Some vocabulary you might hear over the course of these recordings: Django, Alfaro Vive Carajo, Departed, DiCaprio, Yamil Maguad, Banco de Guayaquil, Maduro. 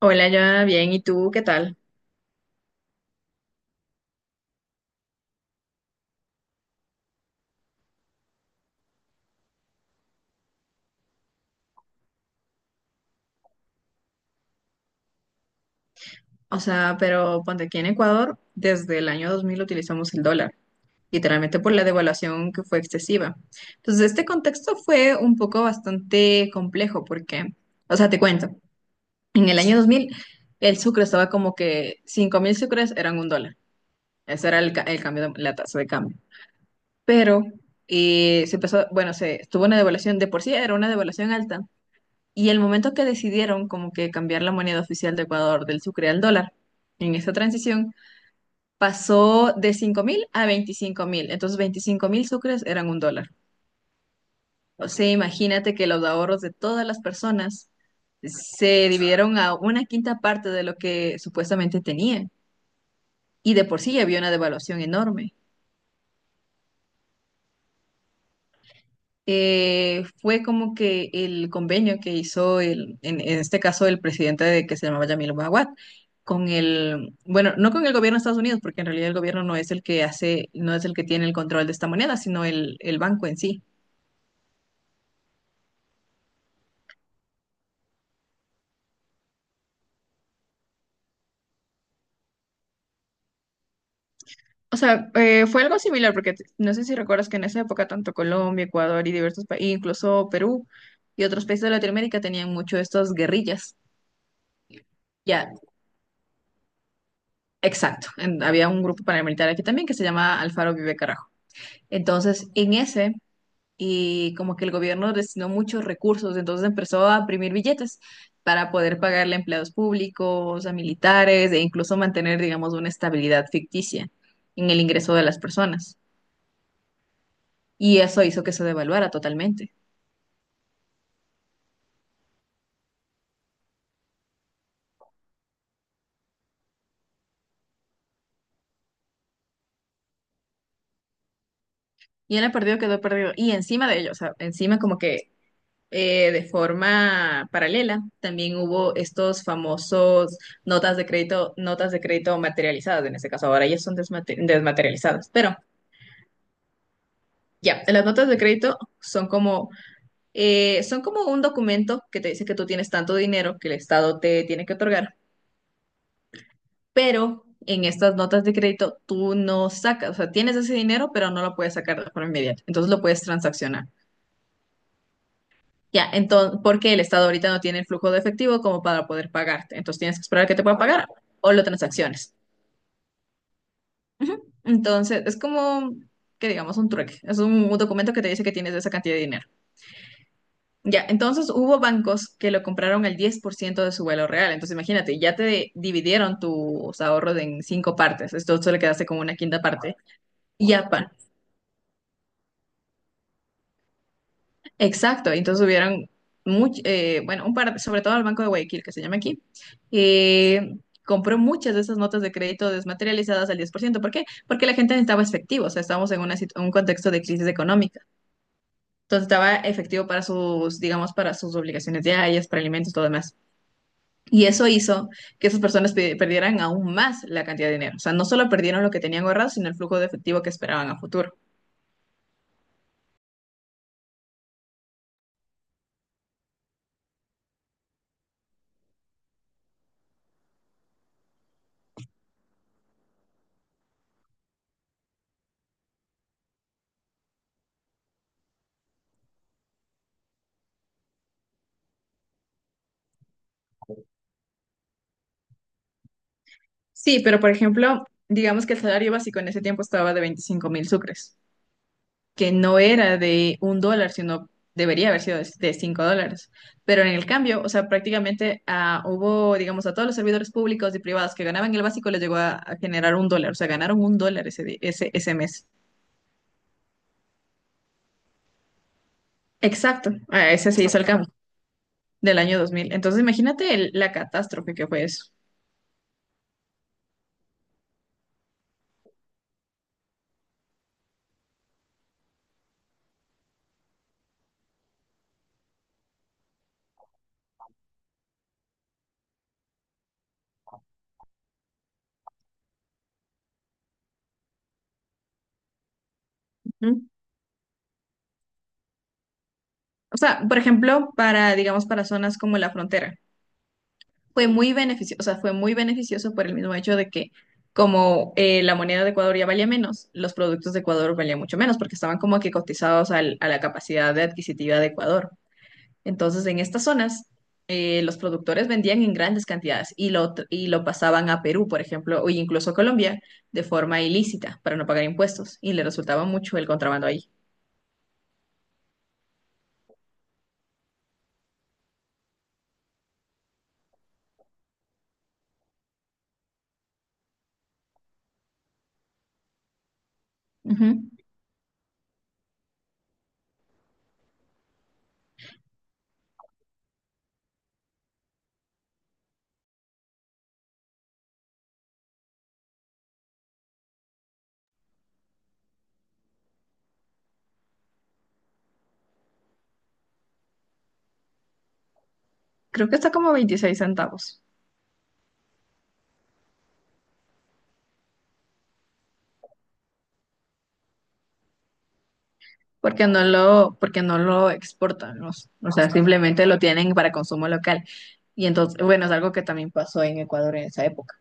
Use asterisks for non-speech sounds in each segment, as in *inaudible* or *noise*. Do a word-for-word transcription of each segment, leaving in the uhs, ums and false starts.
Hola, ya bien, ¿y tú qué tal? O sea, pero ponte aquí en Ecuador, desde el año dos mil utilizamos el dólar, literalmente por la devaluación que fue excesiva. Entonces, este contexto fue un poco bastante complejo porque, o sea, te cuento, en el año dos mil el sucre estaba como que cinco mil sucres eran un dólar. Ese era el, ca- el cambio de- la tasa de cambio. Pero eh, se empezó, bueno, se tuvo una devaluación, de por sí era una devaluación alta. Y el momento que decidieron como que cambiar la moneda oficial de Ecuador del sucre al dólar, en esta transición, pasó de cinco mil a veinticinco mil. Entonces, veinticinco mil sucres eran un dólar. O sea, imagínate que los ahorros de todas las personas se dividieron a una quinta parte de lo que supuestamente tenían. Y de por sí ya había una devaluación enorme. Eh, fue como que el convenio que hizo el, en, en este caso el presidente de, que se llamaba Yamil Maguad, con el, bueno, no con el gobierno de Estados Unidos, porque en realidad el gobierno no es el que hace, no es el que tiene el control de esta moneda, sino el, el banco en sí. O sea, eh, fue algo similar, porque t- no sé si recuerdas que en esa época tanto Colombia, Ecuador y diversos países, incluso Perú y otros países de Latinoamérica tenían mucho estas guerrillas. Ya, exacto. En- había un grupo paramilitar aquí también que se llama Alfaro Vive Carajo. Entonces, en ese, y como que el gobierno destinó muchos recursos, entonces empezó a imprimir billetes para poder pagarle a empleados públicos, a militares e incluso mantener, digamos, una estabilidad ficticia en el ingreso de las personas. Y eso hizo que se devaluara totalmente. Y él ha perdido, quedó perdido. Y encima de ello, o sea, encima como que eh, de forma paralela, también hubo estos famosos notas de crédito, notas de crédito materializadas, en este caso ahora ya son desmate- desmaterializadas, pero... Ya, las notas de crédito son como, eh, son como un documento que te dice que tú tienes tanto dinero que el Estado te tiene que otorgar, pero en estas notas de crédito tú no sacas, o sea, tienes ese dinero, pero no lo puedes sacar de forma inmediata, entonces lo puedes transaccionar. Ya, entonces, porque el Estado ahorita no tiene el flujo de efectivo como para poder pagarte, entonces tienes que esperar a que te puedan pagar o lo transacciones. Ujú. Entonces, es como que digamos un trueque, es un, un documento que te dice que tienes esa cantidad de dinero. Ya, entonces hubo bancos que lo compraron al diez por ciento de su valor real. Entonces imagínate, ya te dividieron tus ahorros en cinco partes. Esto solo quedaste con una quinta parte. Y ya, pa. Exacto. Entonces hubieron, much- eh, bueno, un par, sobre todo el Banco de Guayaquil, que se llama aquí, eh, compró muchas de esas notas de crédito desmaterializadas al diez por ciento. ¿Por ciento? ¿Por qué? Porque la gente necesitaba efectivo. O sea, estábamos en una situ- un contexto de crisis económica. Entonces estaba efectivo para sus, digamos, para sus obligaciones diarias, para alimentos, todo demás. Y eso hizo que esas personas pe- perdieran aún más la cantidad de dinero. O sea, no solo perdieron lo que tenían ahorrado, sino el flujo de efectivo que esperaban a futuro. Sí, pero por ejemplo, digamos que el salario básico en ese tiempo estaba de veinticinco mil sucres, que no era de un dólar, sino debería haber sido de de cinco dólares. Pero en el cambio, o sea, prácticamente ah, hubo, digamos, a todos los servidores públicos y privados que ganaban el básico les llegó a, a generar un dólar. O sea, ganaron un dólar ese, di- ese, ese mes. Exacto, a ese se hizo el cambio. Del año dos mil. Entonces, imagínate el- la catástrofe que fue eso. Ujú. O sea, por ejemplo, para, digamos, para zonas como la frontera, fue muy beneficioso, o sea, fue muy beneficioso por el mismo hecho de que como eh, la moneda de Ecuador ya valía menos, los productos de Ecuador valían mucho menos porque estaban como que cotizados al- a la capacidad de adquisitiva de Ecuador. Entonces, en estas zonas, eh, los productores vendían en grandes cantidades y lo, tr- y lo pasaban a Perú, por ejemplo, o incluso a Colombia, de forma ilícita para no pagar impuestos y le resultaba mucho el contrabando ahí. Ujú. Creo que está como veintiséis centavos, porque no lo, porque no lo exportan, ¿no? O sea, simplemente lo tienen para consumo local. Y entonces, bueno, es algo que también pasó en Ecuador en esa época.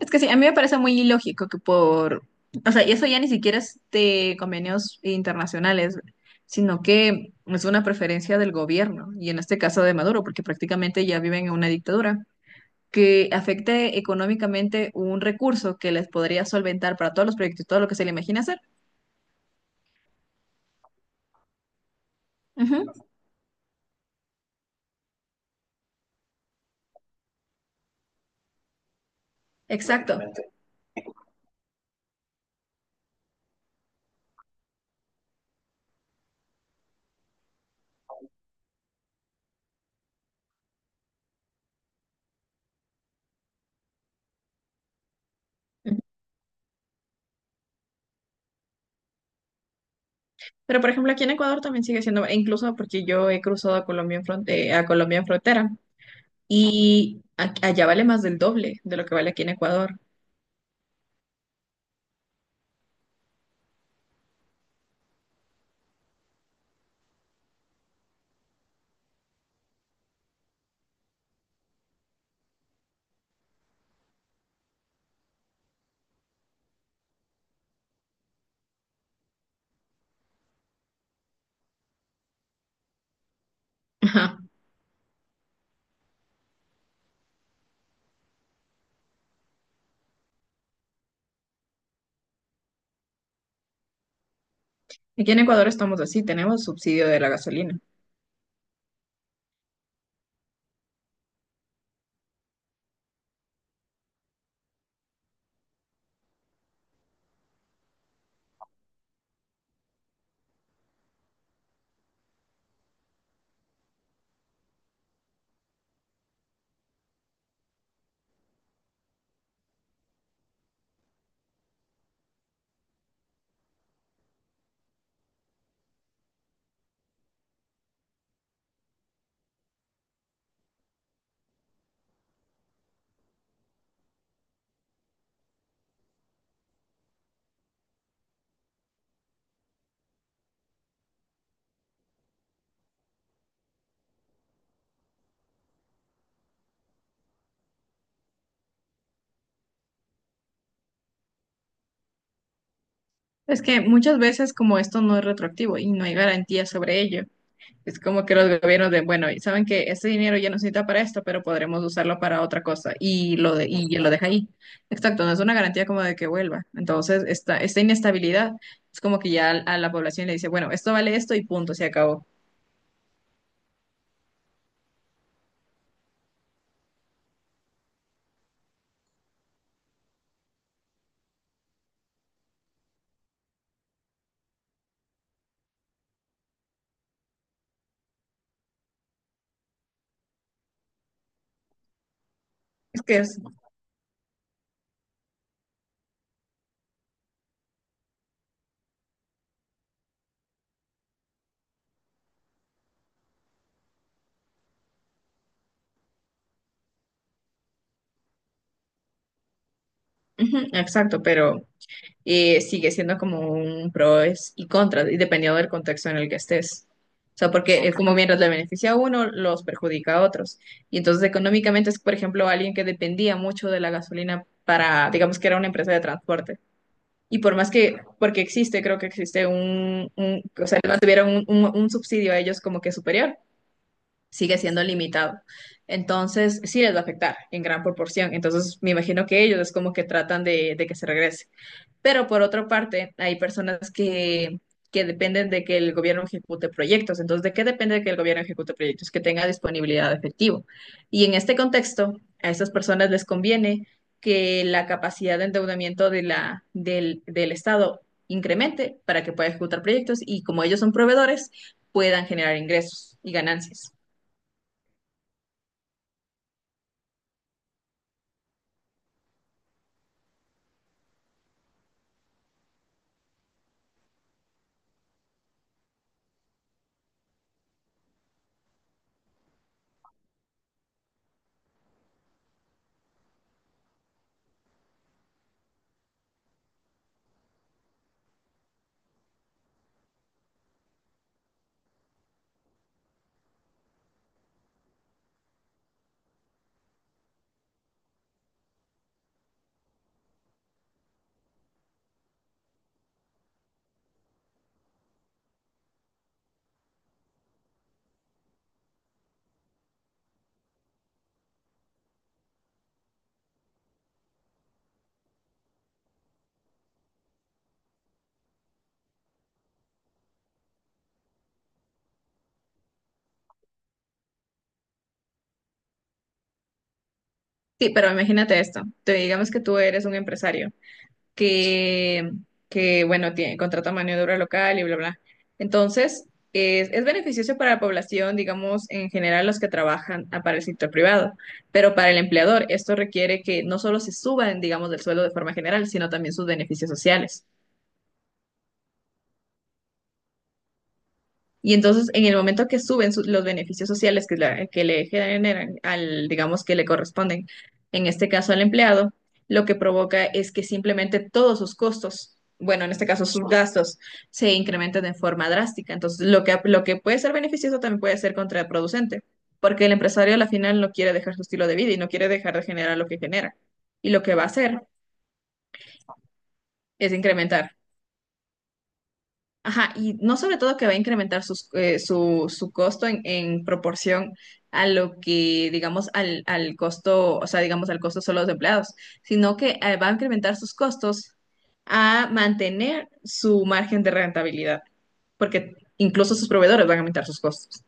Es que sí, a mí me parece muy ilógico que por, o sea, y eso ya ni siquiera es de convenios internacionales, sino que es una preferencia del gobierno, y en este caso de Maduro, porque prácticamente ya viven en una dictadura, que afecte económicamente un recurso que les podría solventar para todos los proyectos y todo lo que se le imagina hacer. Ujú, exacto. Ujú. Pero por ejemplo, aquí en Ecuador también sigue siendo, e incluso porque yo he cruzado a Colombia en fronte- a Colombia en frontera y a- allá vale más del doble de lo que vale aquí en Ecuador. *laughs* Ajá. Aquí en Ecuador estamos así, tenemos subsidio de la gasolina. Es que muchas veces como esto no es retroactivo y no hay garantía sobre ello. Es como que los gobiernos de, bueno, saben que este dinero ya no se necesita para esto, pero podremos usarlo para otra cosa y lo, de, y lo deja ahí. Exacto, no es una garantía como de que vuelva. Entonces, esta, esta inestabilidad es como que ya a la población le dice, bueno, esto vale esto y punto, se acabó. Es que es, ujú, exacto, pero eh, sigue siendo como un pros y contras, y dependiendo del contexto en el que estés. O sea, porque eh, ok, como mientras le beneficia a uno, los perjudica a otros. Y entonces económicamente es, por ejemplo, alguien que dependía mucho de la gasolina para, digamos que era una empresa de transporte. Y por más que, porque existe, creo que existe un, un- o sea, no tuvieron un, un- un subsidio a ellos como que superior, sigue siendo limitado. Entonces, sí les va a afectar en gran proporción. Entonces, me imagino que ellos es como que tratan de de que se regrese. Pero por otra parte, hay personas que, que dependen de que el gobierno ejecute proyectos. Entonces, ¿de qué depende de que el gobierno ejecute proyectos? Que tenga disponibilidad de efectivo. Y en este contexto, a estas personas les conviene que la capacidad de endeudamiento de la, del, del Estado incremente para que pueda ejecutar proyectos y, como ellos son proveedores, puedan generar ingresos y ganancias. Sí, pero imagínate esto. Te digamos que tú eres un empresario que, que bueno, tiene, contrata mano de obra local y bla, bla. Entonces, es, es beneficioso para la población, digamos, en general los que trabajan ah, para el sector privado, pero para el empleador esto requiere que no solo se suban, digamos, del sueldo de forma general, sino también sus beneficios sociales. Y entonces, en el momento que suben su- los beneficios sociales que, la- que le generan al, digamos, que le corresponden, en este caso al empleado, lo que provoca es que simplemente todos sus costos, bueno, en este caso sus gastos, se incrementan de forma drástica. Entonces, lo que, lo que puede ser beneficioso también puede ser contraproducente, porque el empresario al final no quiere dejar su estilo de vida y no quiere dejar de generar lo que genera. Y lo que va a hacer es incrementar. Ajá, y no sobre todo que va a incrementar sus, eh, su, su costo en, en proporción a lo que, digamos, al, al costo, o sea, digamos, al costo solo de los empleados, sino que eh, va a incrementar sus costos a mantener su margen de rentabilidad, porque incluso sus proveedores van a aumentar sus costos.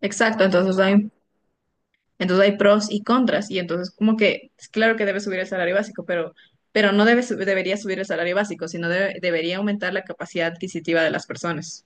Exacto, entonces hay, entonces hay pros y contras, y entonces como que, es claro que debe subir el salario básico, pero, pero no debe, su- debería subir el salario básico, sino debe- debería aumentar la capacidad adquisitiva de las personas.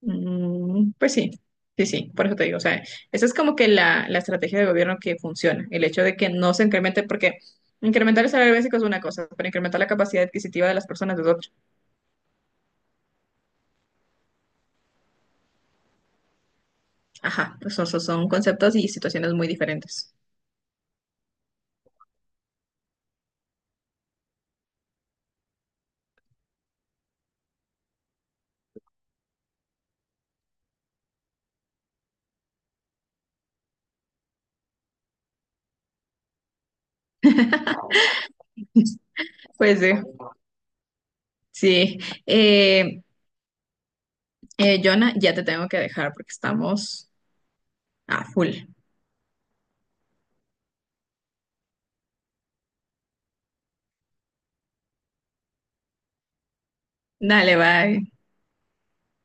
Mm, pues sí, sí, sí, por eso te digo, o sea, esa es como que la, la estrategia de gobierno que funciona, el hecho de que no se incremente, porque incrementar el salario básico es una cosa, pero incrementar la capacidad adquisitiva de las personas es otra. Ajá, pues son, son son conceptos y situaciones muy diferentes. *laughs* Pues eh, sí, eh, eh, Jonah, ya te tengo que dejar porque estamos a full. Dale, bye.